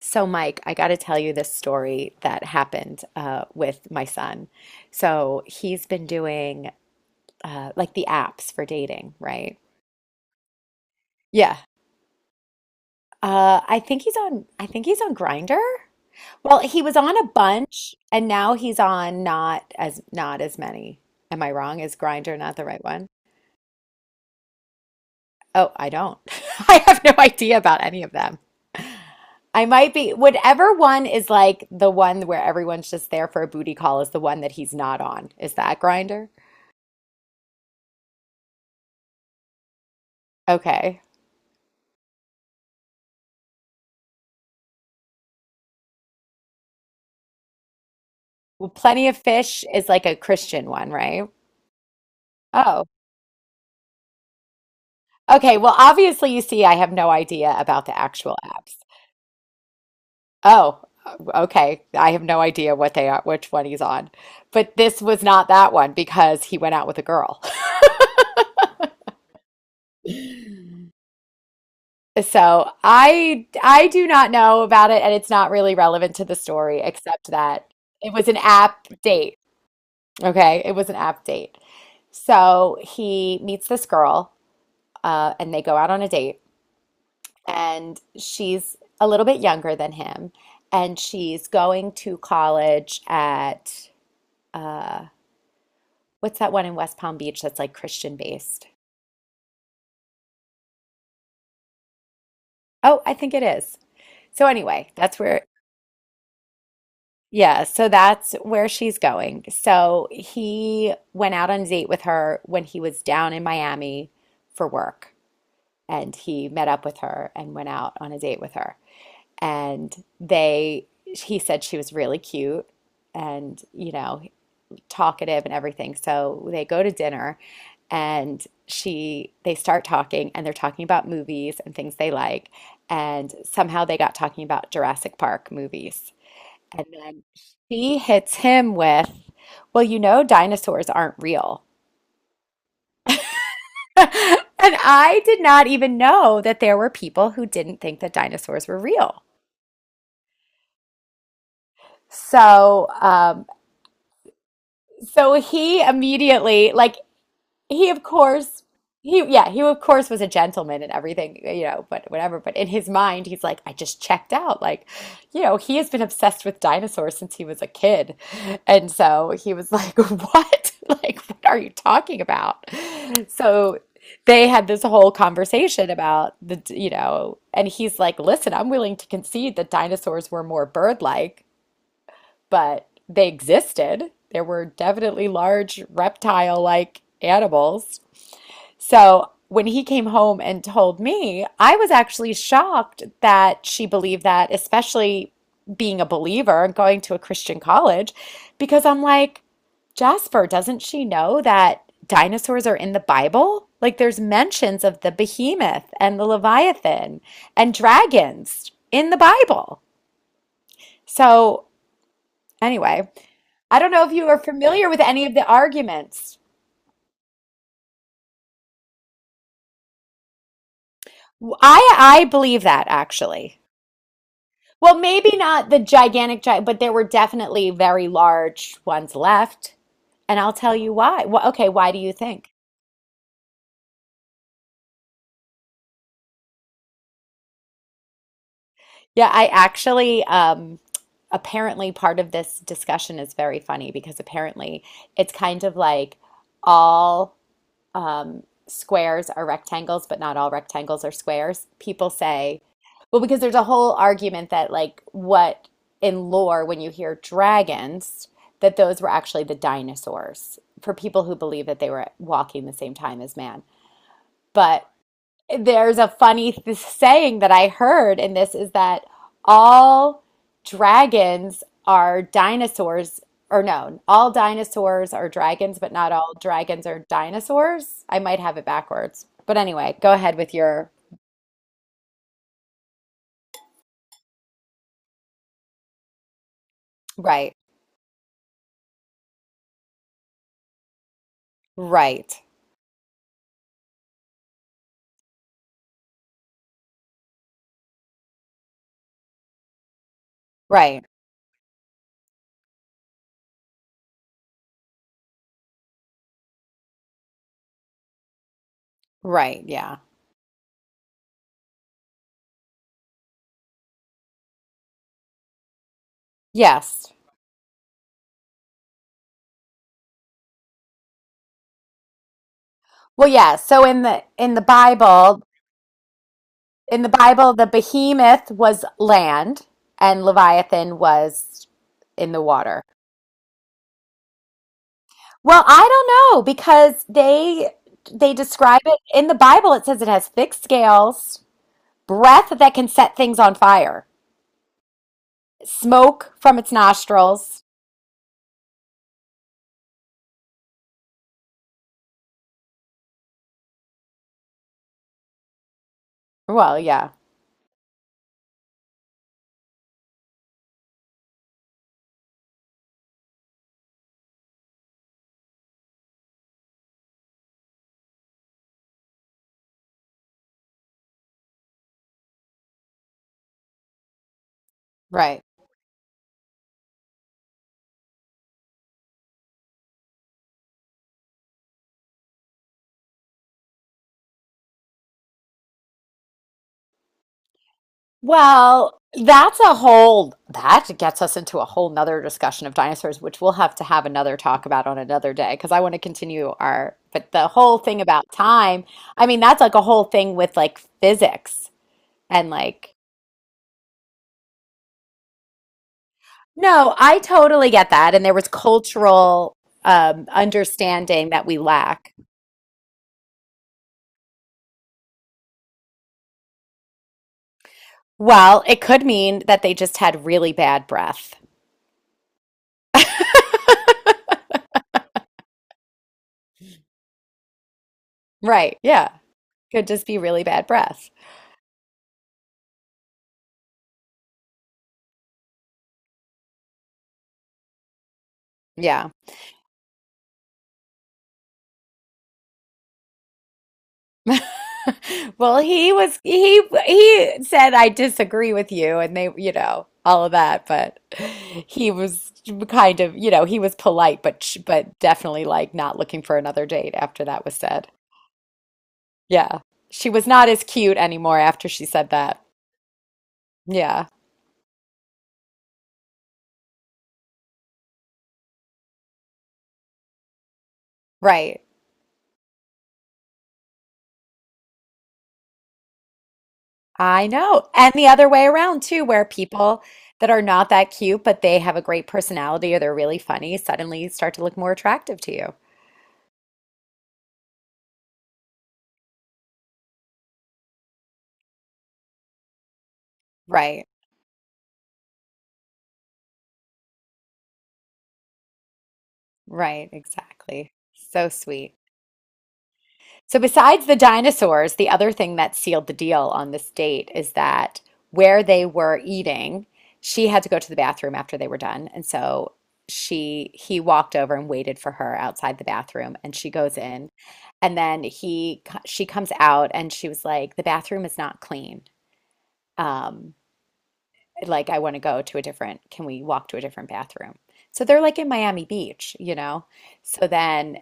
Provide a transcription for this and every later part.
So, Mike, I got to tell you this story that happened with my son. So, he's been doing like the apps for dating, right? Yeah. I think he's on Grinder. Well, he was on a bunch and now he's on not as many. Am I wrong? Is Grinder not the right one? Oh, I don't. I have no idea about any of them. I might be, whatever one is like the one where everyone's just there for a booty call is the one that he's not on. Is that Grinder? Okay. Well, Plenty of Fish is like a Christian one, right? Oh, okay. Well, obviously, you see, I have no idea about the actual apps. Oh, uh, okay. I have no idea what they are, which one he's on. But this was not that one because he went out with a girl. So I do not know about it, and it's not really relevant to the story, except that it was an app date. Okay, it was an app date. So he meets this girl, and they go out on a date. And she's a little bit younger than him, and she's going to college at uh, what's that one in West Palm Beach that's like Christian based? Oh, I think it is. So anyway, yeah, so that's where she's going. So he went out on a date with her when he was down in Miami for work, and he met up with her and went out on a date with her, and they he said she was really cute and talkative and everything. So they go to dinner, and she they start talking, and they're talking about movies and things they like. And somehow they got talking about Jurassic Park movies. And then she hits him with, "Well, you know, dinosaurs aren't real." And I did not even know that there were people who didn't think that dinosaurs were real. So, um, so he immediately, like, he of course, he yeah, he of course was a gentleman and everything, but whatever, but in his mind he's like, I just checked out, like, he has been obsessed with dinosaurs since he was a kid. And so he was like, what like, what are you talking about? So they had this whole conversation about the and he's like, listen, I'm willing to concede that dinosaurs were more bird-like, but they existed. There were definitely large reptile-like animals. So when he came home and told me, I was actually shocked that she believed that, especially being a believer and going to a Christian college, because I'm like, Jasper, doesn't she know that dinosaurs are in the Bible? Like, there's mentions of the behemoth and the Leviathan and dragons in the Bible. So anyway, I don't know if you are familiar with any of the arguments. I believe that actually. Well, maybe not the gigantic giant, but there were definitely very large ones left. And I'll tell you why. Okay, why do you think? Yeah, I actually, apparently part of this discussion is very funny because apparently it's kind of like all. Squares are rectangles, but not all rectangles are squares. People say, well, because there's a whole argument that, like, what, in lore, when you hear dragons, that those were actually the dinosaurs for people who believe that they were walking the same time as man. But there's a funny th saying that I heard in this is that all dragons are dinosaurs, or no, all dinosaurs are dragons, but not all dragons are dinosaurs. I might have it backwards. But anyway, go ahead with your right, right, right, right. Yeah. Yes. Well, yeah. So in the Bible, in the Bible, the behemoth was land and Leviathan was in the water. Well, I don't know because they describe it in the Bible. It says it has thick scales, breath that can set things on fire, smoke from its nostrils. Well, yeah, right. Well, that gets us into a whole nother discussion of dinosaurs, which we'll have to have another talk about on another day because I want to continue our, but the whole thing about time, I mean, that's like a whole thing with, like, physics and, like, no, I totally get that. And there was cultural understanding that we lack. Well, it could mean that they just had really bad breath. Right. Yeah. Could just be really bad breath. Yeah. Well, he was he said, I disagree with you, and they, all of that, but he was kind of, he was polite but definitely, like, not looking for another date after that was said. Yeah. She was not as cute anymore after she said that. Yeah, right. I know. And the other way around too, where people that are not that cute, but they have a great personality or they're really funny, suddenly start to look more attractive to you. Right, right, exactly. So sweet. So, besides the dinosaurs, the other thing that sealed the deal on this date is that where they were eating, she had to go to the bathroom after they were done. And so she he walked over and waited for her outside the bathroom, and she goes in. And then he she comes out and she was like, "The bathroom is not clean. Um, like, I want to go to a different, can we walk to a different bathroom?" So they're like in Miami Beach. So then,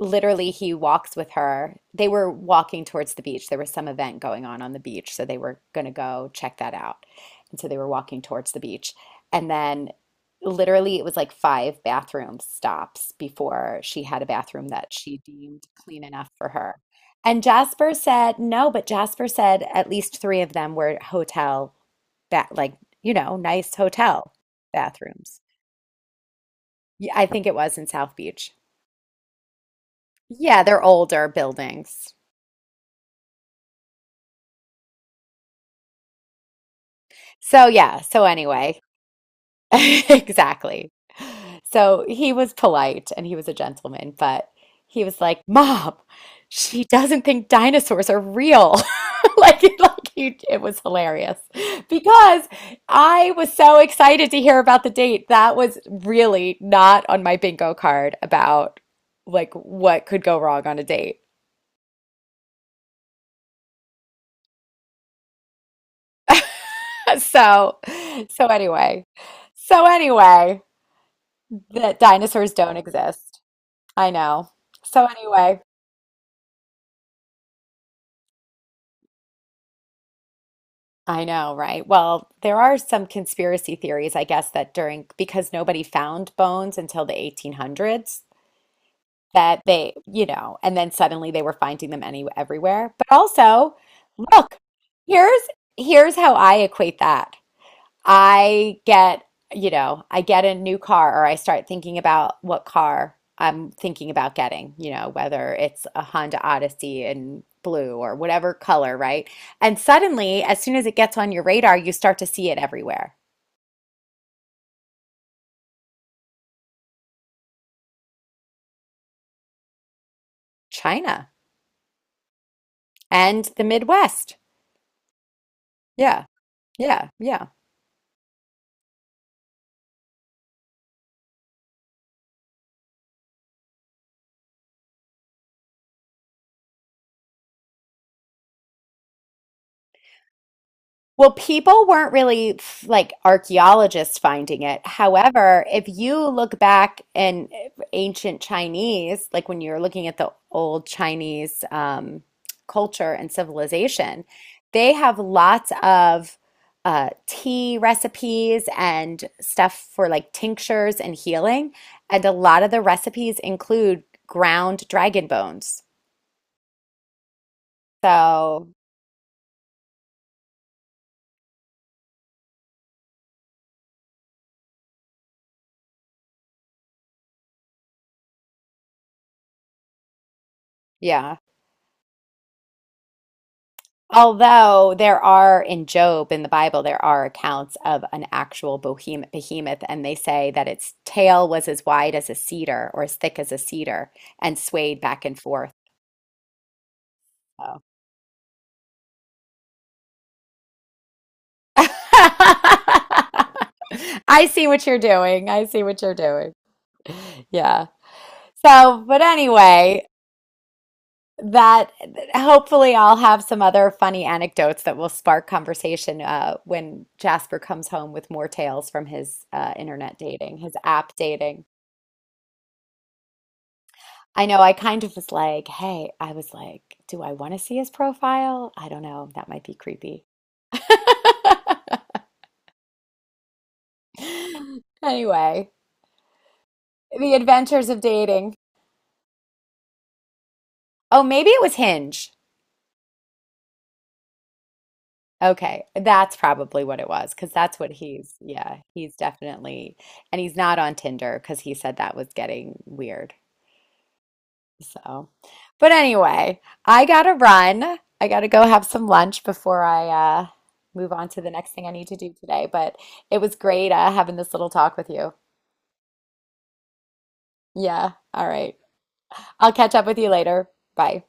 literally, he walks with her. They were walking towards the beach. There was some event going on the beach, so they were going to go check that out. And so they were walking towards the beach. And then, literally, it was like five bathroom stops before she had a bathroom that she deemed clean enough for her. And Jasper said, no, but Jasper said at least three of them were hotel, ba like, nice hotel bathrooms. Yeah, I think it was in South Beach. Yeah, they're older buildings. So yeah, so anyway, exactly. So he was polite and he was a gentleman, but he was like, "Mom, she doesn't think dinosaurs are real." Like it was hilarious because I was so excited to hear about the date. That was really not on my bingo card about, like, what could go wrong on a date. So so anyway. So anyway, that dinosaurs don't exist. I know. So anyway, I know, right? Well, there are some conspiracy theories, I guess, that during because nobody found bones until the 1800s, that they, and then suddenly they were finding them any everywhere. But also, look, here's here's how I equate that. I get, I get a new car or I start thinking about what car I'm thinking about getting, whether it's a Honda Odyssey in blue or whatever color, right? And suddenly, as soon as it gets on your radar, you start to see it everywhere. China and the Midwest. Yeah, yeah, yeah. Well, people weren't really like archaeologists finding it. However, if you look back in ancient Chinese, like, when you're looking at the old Chinese culture and civilization, they have lots of tea recipes and stuff for, like, tinctures and healing. And a lot of the recipes include ground dragon bones. So, yeah. Although there are in Job in the Bible, there are accounts of an actual behemoth, and they say that its tail was as wide as a cedar or as thick as a cedar and swayed back and forth. So. I see what you're doing. I see what you're doing. Yeah. So, but anyway, that hopefully I'll have some other funny anecdotes that will spark conversation when Jasper comes home with more tales from his internet dating, his app dating. I know I kind of was like, hey, I was like, do I want to see his profile? I don't know. That might be creepy. Anyway, the adventures of dating. Oh, maybe it was Hinge. Okay, that's probably what it was because that's what yeah, he's definitely. And he's not on Tinder because he said that was getting weird. So, but anyway, I gotta run. I gotta go have some lunch before I move on to the next thing I need to do today. But it was great having this little talk with you. Yeah. All right. I'll catch up with you later. Bye.